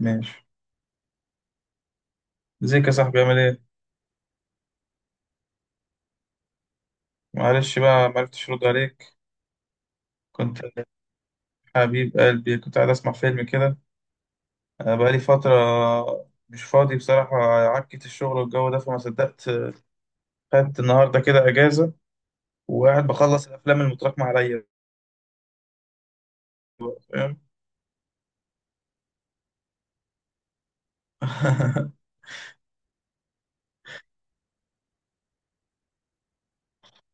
ماشي. ازيك يا صاحبي؟ عامل ايه؟ معلش بقى معرفتش ارد عليك. كنت حبيب قلبي، كنت قاعد اسمع فيلم كده. بقالي فترة مش فاضي بصراحة. عكت الشغل والجو ده فما صدقت. خدت النهاردة كده اجازة وقاعد بخلص الافلام المتراكمة عليا. بقى، فاهم.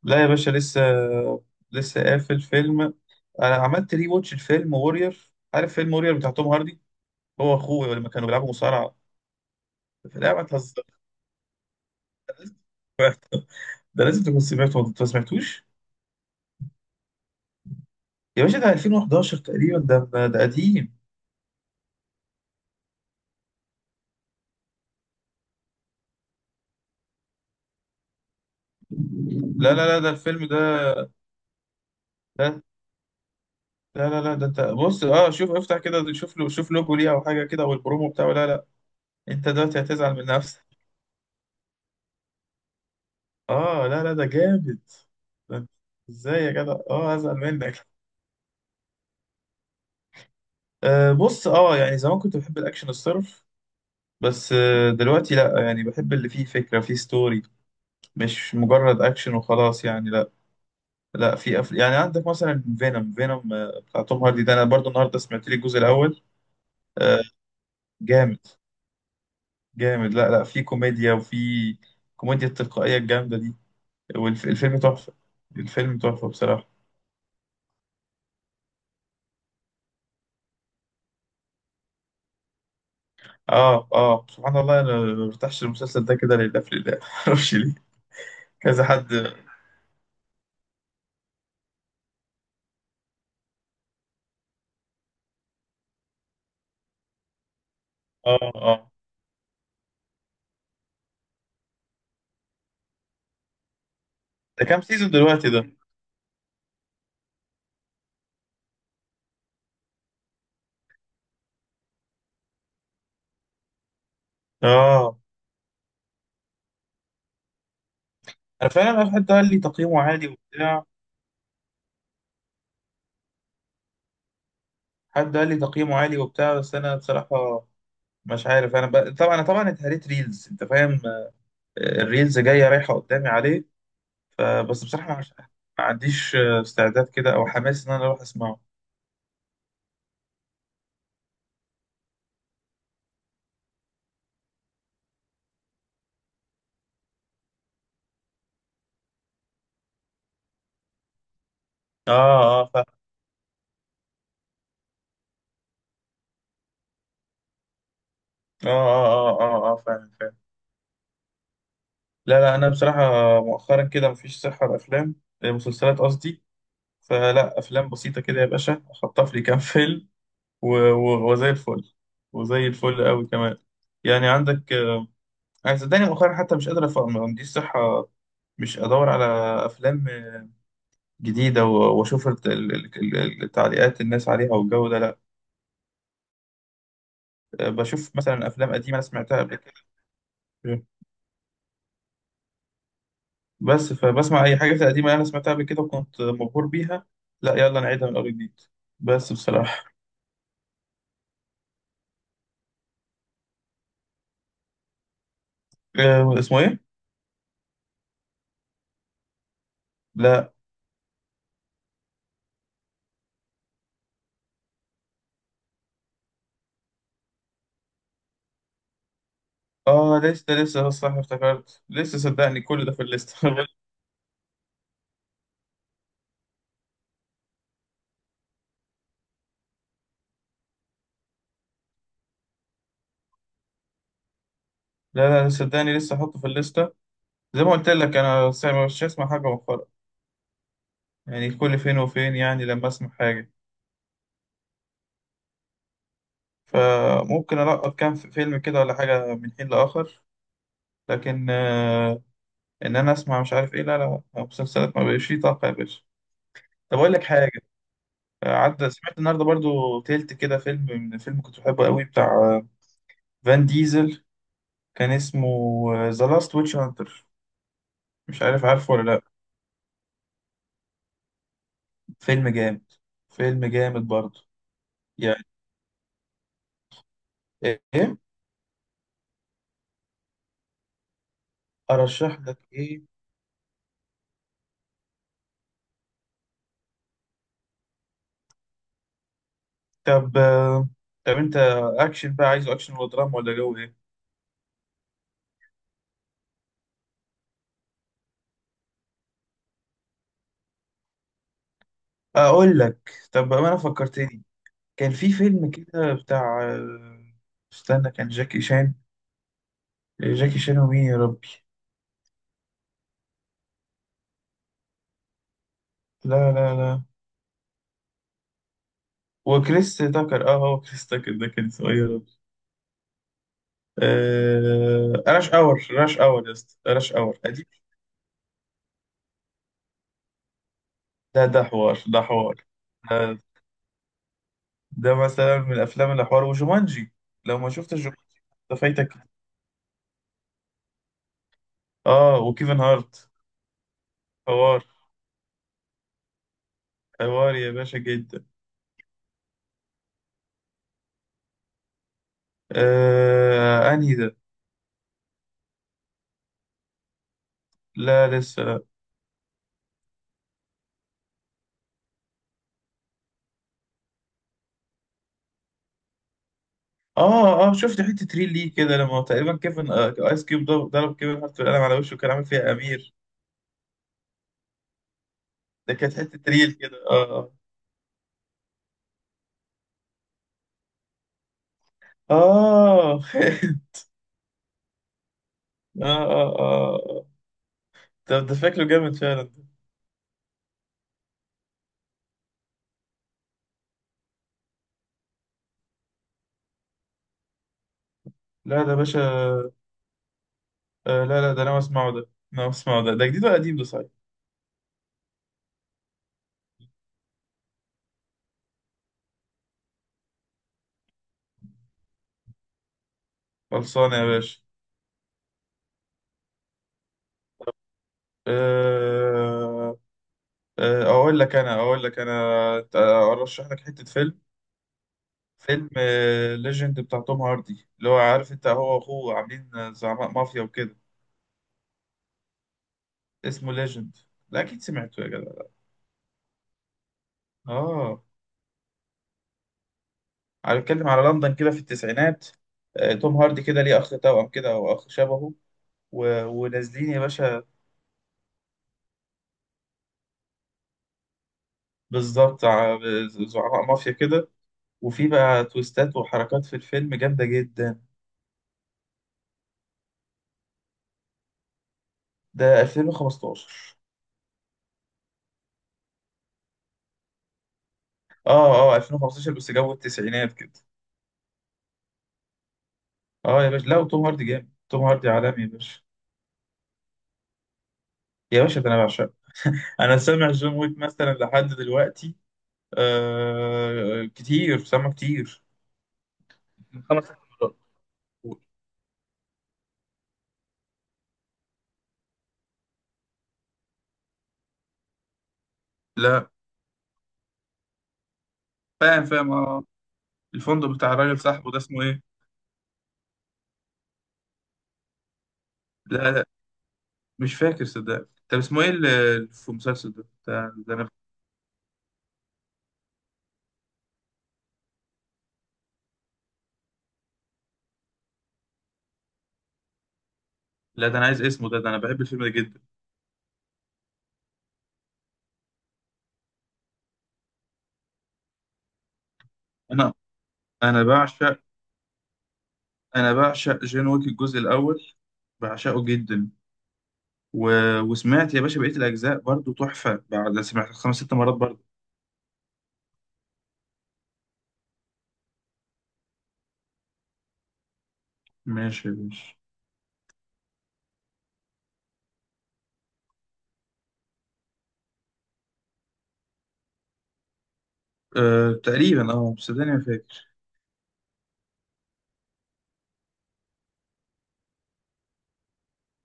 لا يا باشا، لسه. قافل فيلم. انا عملت ري واتش الفيلم وورير. عارف فيلم وورير بتاع توم هاردي؟ هو اخوه لما كانوا بيلعبوا مصارعة في لعبة هزار. ده لازم تكون سمعته، ما سمعتوش؟ يا باشا ده 2011 تقريبا، ده قديم. لا لا لا ده الفيلم ده. لا لا لا، ده انت بص، اه شوف، افتح كده، شوف له، شوف لوجو ليه او حاجه كده او البرومو بتاعه. لا لا، انت دلوقتي هتزعل من نفسك. اه، لا لا، ده جامد. ده انت- ازاي يا جدع؟ اه هزعل منك. آه بص، اه يعني زمان كنت بحب الاكشن الصرف، بس دلوقتي لا، يعني بحب اللي فيه فكره، فيه ستوري، مش مجرد اكشن وخلاص، يعني لا. لا، في يعني عندك مثلا فينوم. بتاع توم هاردي ده، انا برضو النهارده سمعت لي الجزء الاول. آه، جامد، جامد. لا لا، في كوميديا، وفي كوميديا التلقائية الجامدة دي. والفيلم تحفة. الفيلم تحفة بصراحة. اه اه، سبحان الله، انا ما برتاحش المسلسل ده كده، لله في لله، معرفش ليه. كذا حد. اه اه. ده كام سيزون دلوقتي ده؟ اه. انا فعلا حد قال لي تقييمه عالي وبتاع. حد قال لي تقييمه عالي وبتاع، بس انا بصراحة مش عارف. طبعا طبعا اتهريت ريلز، انت فاهم. الريلز جاية رايحة قدامي عليه. فبس بصراحة مش- ما عنديش استعداد كده أو حماس إن أنا أروح أسمعه. آه آه، فعلا. آه آه آه آه آه، فعلا فعلا. لا لا، أنا بصراحة مؤخرا كده مفيش صحة لأفلام. مسلسلات قصدي. فلا أفلام بسيطة كده يا باشا، أخطف لي كام فيلم. و- و- وزي الفل قوي كمان. يعني عندك. أنا صدقني مؤخرا حتى مش قادر أفهم، ما عنديش صحة، مش أدور على أفلام جديدة، وأشوف التعليقات الناس عليها والجو ده، لا. بشوف مثلا افلام قديمه انا سمعتها قبل كده. بس فبسمع اي حاجه قديمه انا سمعتها قبل كده وكنت مبهور بيها، لا يلا نعيدها من اول جديد. بس بصراحه. اسمه ايه؟ لا. اه، لسه، ده لسه صح، افتكرت، لسه صدقني كل ده في الليسته. لا لا، صدقني لسه احطه في الليسته. زي ما قلت لك، مش هسمع حاجه مؤخرا، يعني كل فين وفين يعني لما اسمع حاجه. فممكن القط كام فيلم كده ولا حاجه من حين لاخر، لكن انا اسمع مش عارف ايه، لا لا لا، مسلسلات ما بقاش فيه طاقه يا باشا. طب اقول لك حاجه، عدى سمعت النهارده برضو تلت كده فيلم. من فيلم كنت بحبه قوي بتاع فان ديزل. كان اسمه ذا لاست ويتش هانتر، مش عارف، عارفه ولا لا؟ فيلم جامد. فيلم جامد برضو. يعني ايه، ارشح لك ايه؟ طب، انت اكشن بقى عايزه، اكشن ولا دراما ولا جو ايه؟ اقول لك، طب بقى انا فكرتني، كان في فيلم كده بتاع، استنى، كان جاكي شان، جاكي شان ومين يا ربي؟ لا لا لا، وكريس تاكر، اه هو كريس تاكر ده كان اسمه إيه يا ربي؟ راش اور، راش اور يا اسطى، راش اور قديم. ده حوار. ده, ده مثلا من الافلام اللي حوار، وجومانجي، لو ما شفتش جومانجي، ده فايتك، اه، وكيفن هارت. حوار، حوار يا باشا جدا. انهي ده؟ لا لسه لا. اه اه، شفت حته ريل ليه كده لما تقريبا كيفن ايس كيوب ضرب كيفن هارت بالقلم على وشه، كان عامل فيها امير. ده كانت حتة ريل كده، اه. اه اه اه اه. طب ده شكله جامد فعلا ده. لا ده باشا. آه لا لا، ده انا اسمعه ده. انا اسمعه ده، ده جديد ولا قديم ده صحيح؟ خلصان يا باشا. آه آه، اقول لك انا، ارشح لك حتة فيلم، فيلم ليجند بتاع توم هاردي، اللي هو عارف انت، هو واخوه عاملين زعماء مافيا وكده. اسمه ليجند، لا اكيد سمعته يا جدع. اه. أنا بتكلم على لندن كده في التسعينات، توم هاردي كده ليه أخ توأم كده أو أخ شبهه، ونازلين يا باشا. بالظبط ع- زعماء مافيا كده، وفي بقى تويستات وحركات في الفيلم جامدة جدا. ده 2015. اه اه 2015 بس جو التسعينات كده. اه يا باشا، لا وتوم هاردي جامد، توم هاردي عالمي يا باشا. يا باشا ده أنا بعشقه. أنا سامع جون ويك مثلا لحد دلوقتي. آه كتير، سامع كتير. خمس ست مرات. لا. فاهم، فاهم، اه. الفندق بتاع الراجل صاحبه ده اسمه ايه؟ لا لا، مش فاكر صدق، طب اسمه ايه اللي في المسلسل ده؟ انا. لا ده انا عايز اسمه ده، ده انا بحب الفيلم ده جدا. انا انا بعشق. انا بعشق جون ويك الجزء الاول، بعشقه جدا. و... وسمعت يا باشا بقية الاجزاء برضو تحفة بعد، سمعت خمس ست مرات برضو. ماشي يا باشا. أه تقريبا، اه، بس صدقني ما فاكر.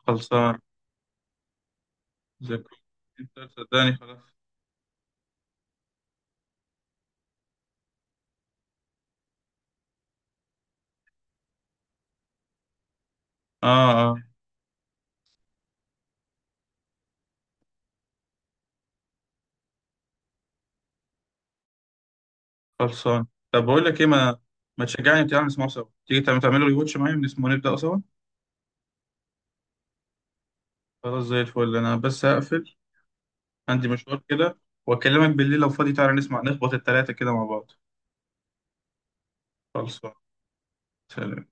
خلصان، ذاكرتني، انت صدقني، خلاص. اه اه. خلصان، طب بقول لك ايه، ما تشجعني بتاع نسمعه سوا، تيجي تعملوا ريواتش معايا ونسمعه، نبدأ سوا. خلاص، زي الفل، انا بس هقفل، عندي مشوار كده، واكلمك بالليل لو فاضي تعالى نسمع، نخبط التلاتة كده مع بعض. خلصان، سلام.